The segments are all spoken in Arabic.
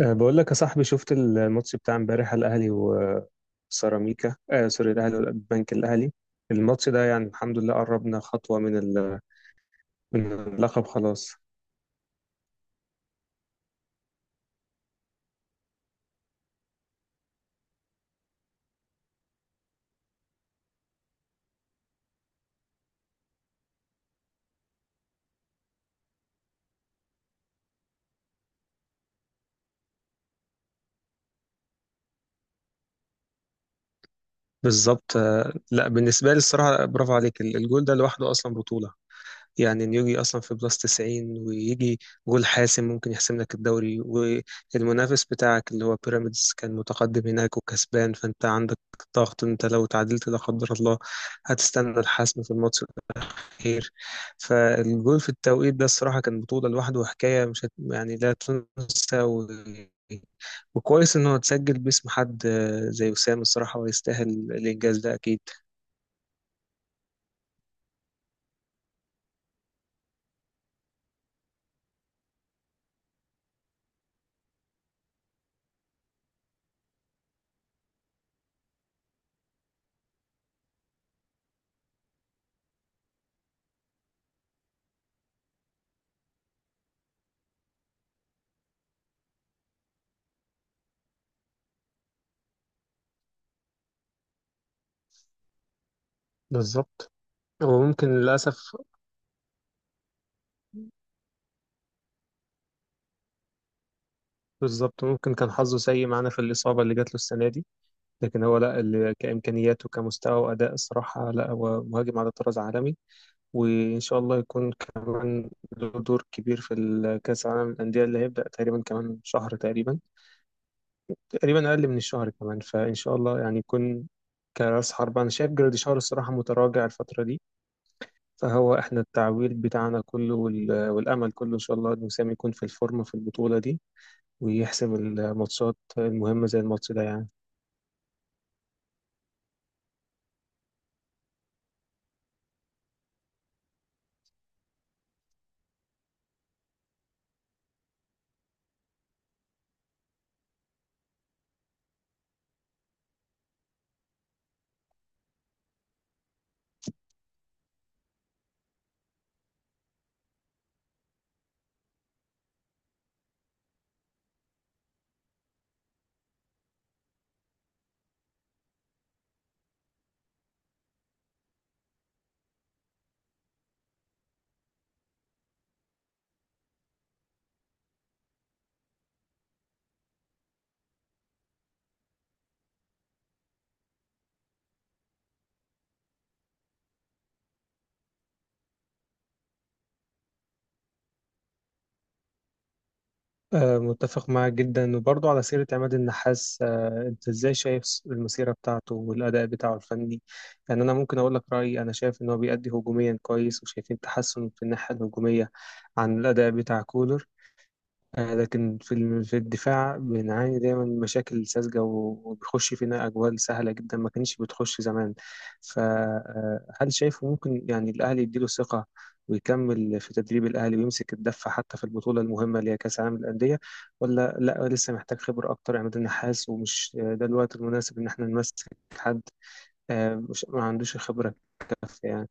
بقول لك يا صاحبي، شفت الماتش بتاع امبارح؟ الاهلي وسيراميكا، سوري، الاهلي والبنك الاهلي. الماتش ده يعني الحمد لله قربنا خطوه من من اللقب خلاص. بالظبط. لا بالنسبه لي الصراحه برافو عليك، الجول ده لوحده اصلا بطوله. يعني انه يجي اصلا في بلس 90 ويجي جول حاسم ممكن يحسم لك الدوري، والمنافس بتاعك اللي هو بيراميدز كان متقدم هناك وكسبان، فانت عندك ضغط. انت لو تعادلت لا قدر الله هتستنى الحسم في الماتش. خير. فالجول في التوقيت ده الصراحة كان بطولة لوحده وحكاية مش هت... يعني لا تنسى وكويس إنه اتسجل باسم حد زي وسام، الصراحة ويستاهل الإنجاز ده أكيد. بالظبط. وممكن للأسف، بالظبط، ممكن كان حظه سيء معانا في الإصابة اللي جات له السنة دي، لكن هو لا اللي كإمكانيات وكمستوى وأداء الصراحة لا، هو مهاجم على طراز عالمي. وإن شاء الله يكون كمان له دور كبير في الكأس العالم للأندية اللي هيبدأ تقريبا كمان شهر تقريبا، تقريبا اقل من الشهر كمان. فان شاء الله يعني يكون كراس حرب. انا شايف جراديشار الصراحه متراجع الفتره دي، فهو احنا التعويل بتاعنا كله والامل كله ان شاء الله ان وسام يكون في الفورمه في البطوله دي ويحسم الماتشات المهمه زي الماتش ده يعني. متفق معاك جدا. وبرضه على سيره عماد النحاس، انت ازاي شايف المسيره بتاعته والاداء بتاعه الفني؟ يعني انا ممكن اقول لك رايي، انا شايف ان هو بيأدي هجوميا كويس وشايفين تحسن في الناحيه الهجوميه عن الاداء بتاع كولر. لكن في في الدفاع بنعاني دايما من مشاكل ساذجة وبيخش فينا أجوال سهلة جدا ما كانتش بتخش زمان. فهل شايفه ممكن يعني الأهلي يديله ثقة ويكمل في تدريب الأهلي ويمسك الدفة حتى في البطولة المهمة اللي هي كأس العالم للأندية؟ ولا لا، لسه محتاج خبرة أكتر عماد النحاس ومش ده الوقت المناسب إن احنا نمسك حد؟ مش ما عندوش خبرة كافية يعني.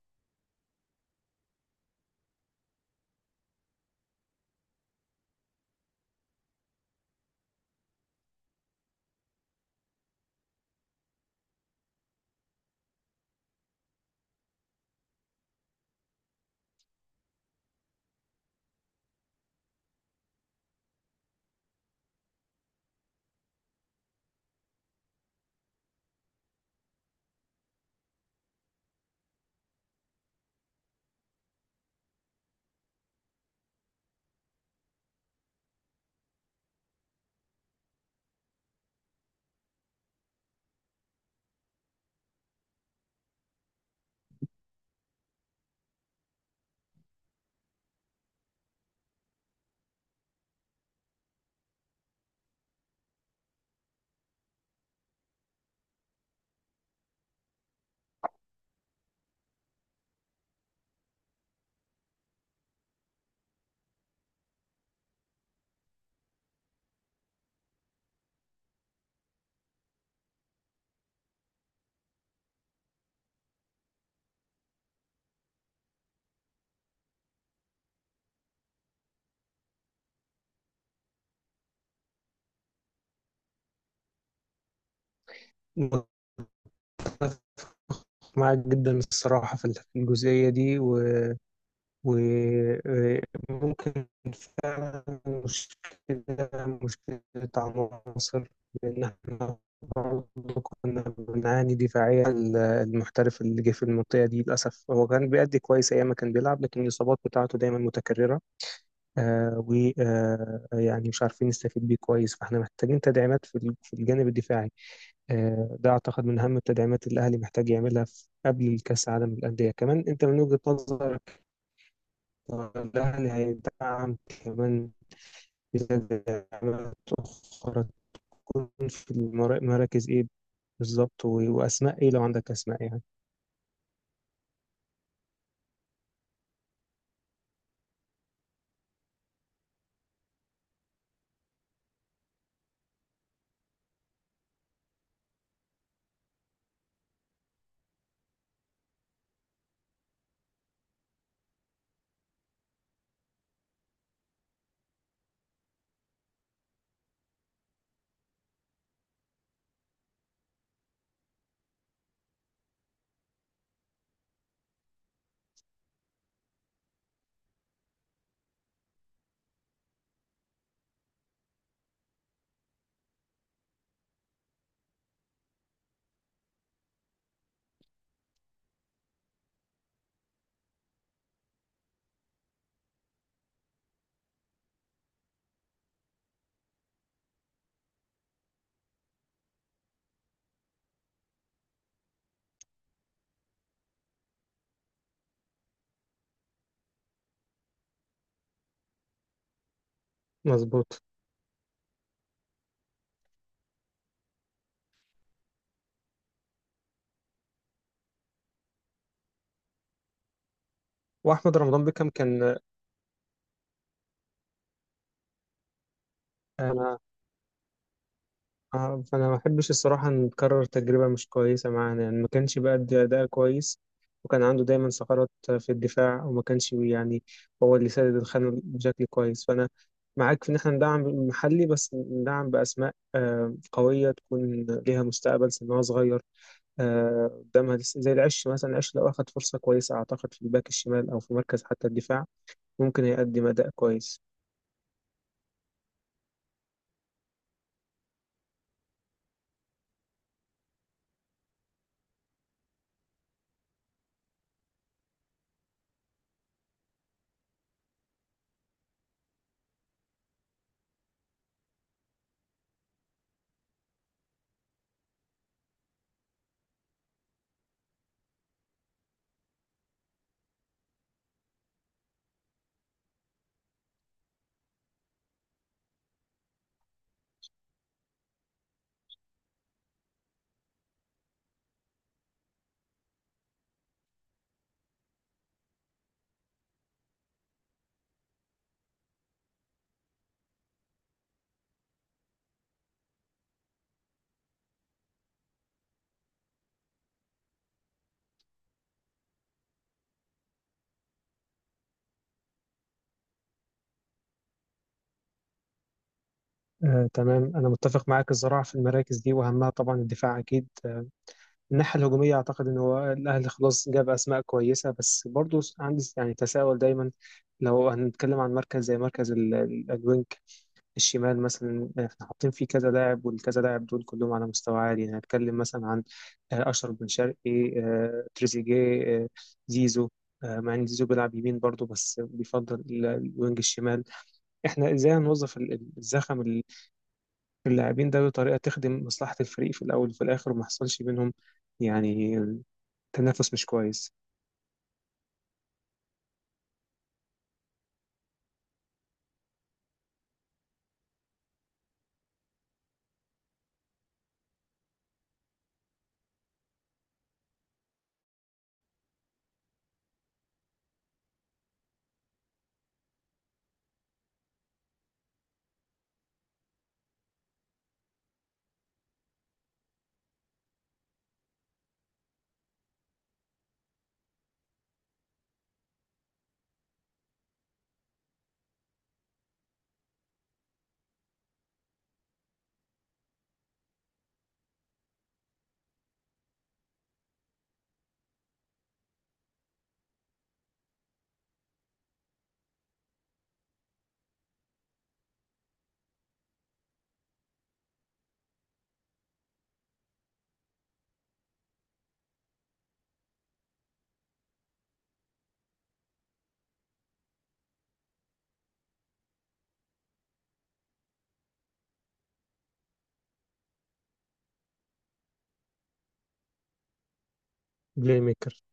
معاك جدا الصراحة في الجزئية دي. وممكن فعلا مشكلة، مشكلة عناصر، لأن احنا برضه كنا بنعاني دفاعيا. المحترف اللي جه في المنطقة دي للأسف هو كان بيأدي كويس أيام ما كان بيلعب، لكن الإصابات بتاعته دايما متكررة. آه ويعني مش عارفين نستفيد بيه كويس، فاحنا محتاجين تدعيمات في في الجانب الدفاعي. ده أعتقد من أهم التدعيمات اللي الأهلي محتاج يعملها في قبل الكأس العالم للأندية. كمان أنت من وجهة نظرك ولها نهاية دعم كمان، تدعيمات أخرى تكون في مراكز إيه بالظبط؟ وأسماء إيه لو عندك أسماء يعني. مظبوط. وأحمد رمضان بيكهام كان. أنا فانا ما بحبش الصراحه نكرر تجربه مش كويسه معانا، يعني ما كانش بيأدي اداء كويس وكان عنده دايما ثغرات في الدفاع، وما كانش هو اللي سدد الخانه بشكل كويس. فانا معاك في ان احنا ندعم المحلي، بس ندعم باسماء قويه تكون ليها مستقبل، سنها صغير آه، قدامها لسه، زي العش مثلا. العش لو اخد فرصه كويسه اعتقد في الباك الشمال او في مركز حتى الدفاع ممكن يقدم اداء كويس. تمام، أنا متفق معاك الصراحة في المراكز دي، وأهمها طبعا الدفاع أكيد. الناحية الهجومية أعتقد إن هو الأهلي خلاص جاب أسماء كويسة، بس برضو عندي يعني تساؤل دايما. لو هنتكلم عن مركز زي مركز الوينج الشمال مثلا، احنا حاطين فيه كذا لاعب، والكذا لاعب دول كلهم على مستوى عالي. يعني هتكلم مثلا عن أشرف بن شرقي، تريزيجيه، زيزو، مع إن زيزو بيلعب يمين برضو بس بيفضل الوينج الشمال. احنا إزاي هنوظف الزخم اللاعبين ده بطريقة تخدم مصلحة الفريق في الأول وفي الآخر، وما حصلش بينهم يعني تنافس مش كويس؟ بلاي ميكر.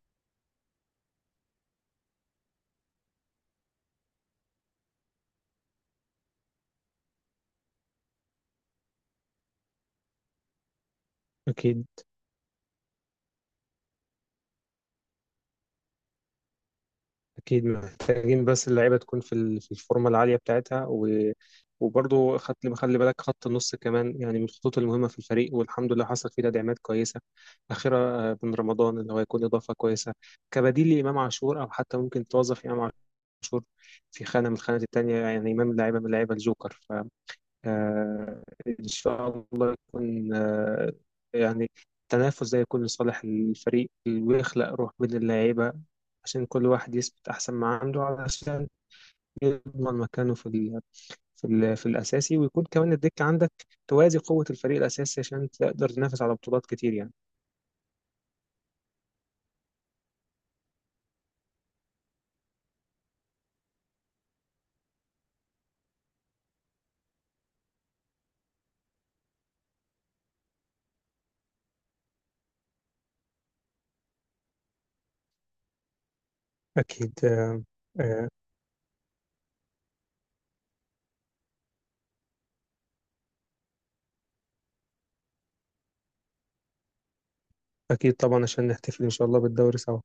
أكيد. أكيد محتاجين بس اللعيبة تكون في في الفورمة العالية بتاعتها. وبرضه خدت خلي بالك خط النص كمان، يعني من الخطوط المهمة في الفريق، والحمد لله حصل فيه تدعيمات كويسة أخيرا. بن رمضان اللي هو يكون إضافة كويسة كبديل لإمام عاشور، أو حتى ممكن توظف إمام عاشور في خانة من الخانات التانية، يعني إمام لاعبة من لاعيبة الجوكر. آه، إن شاء الله يكون يعني التنافس ده يكون لصالح الفريق، ويخلق روح بين اللعيبة عشان كل واحد يثبت أحسن ما عنده، علشان يضمن مكانه في ال في ال في الأساسي، ويكون كمان الدكة عندك توازي قوة الفريق الأساسي عشان تقدر تنافس على بطولات كتير يعني. أكيد. آه، أكيد طبعا عشان نحتفل إن شاء الله بالدوري سوا.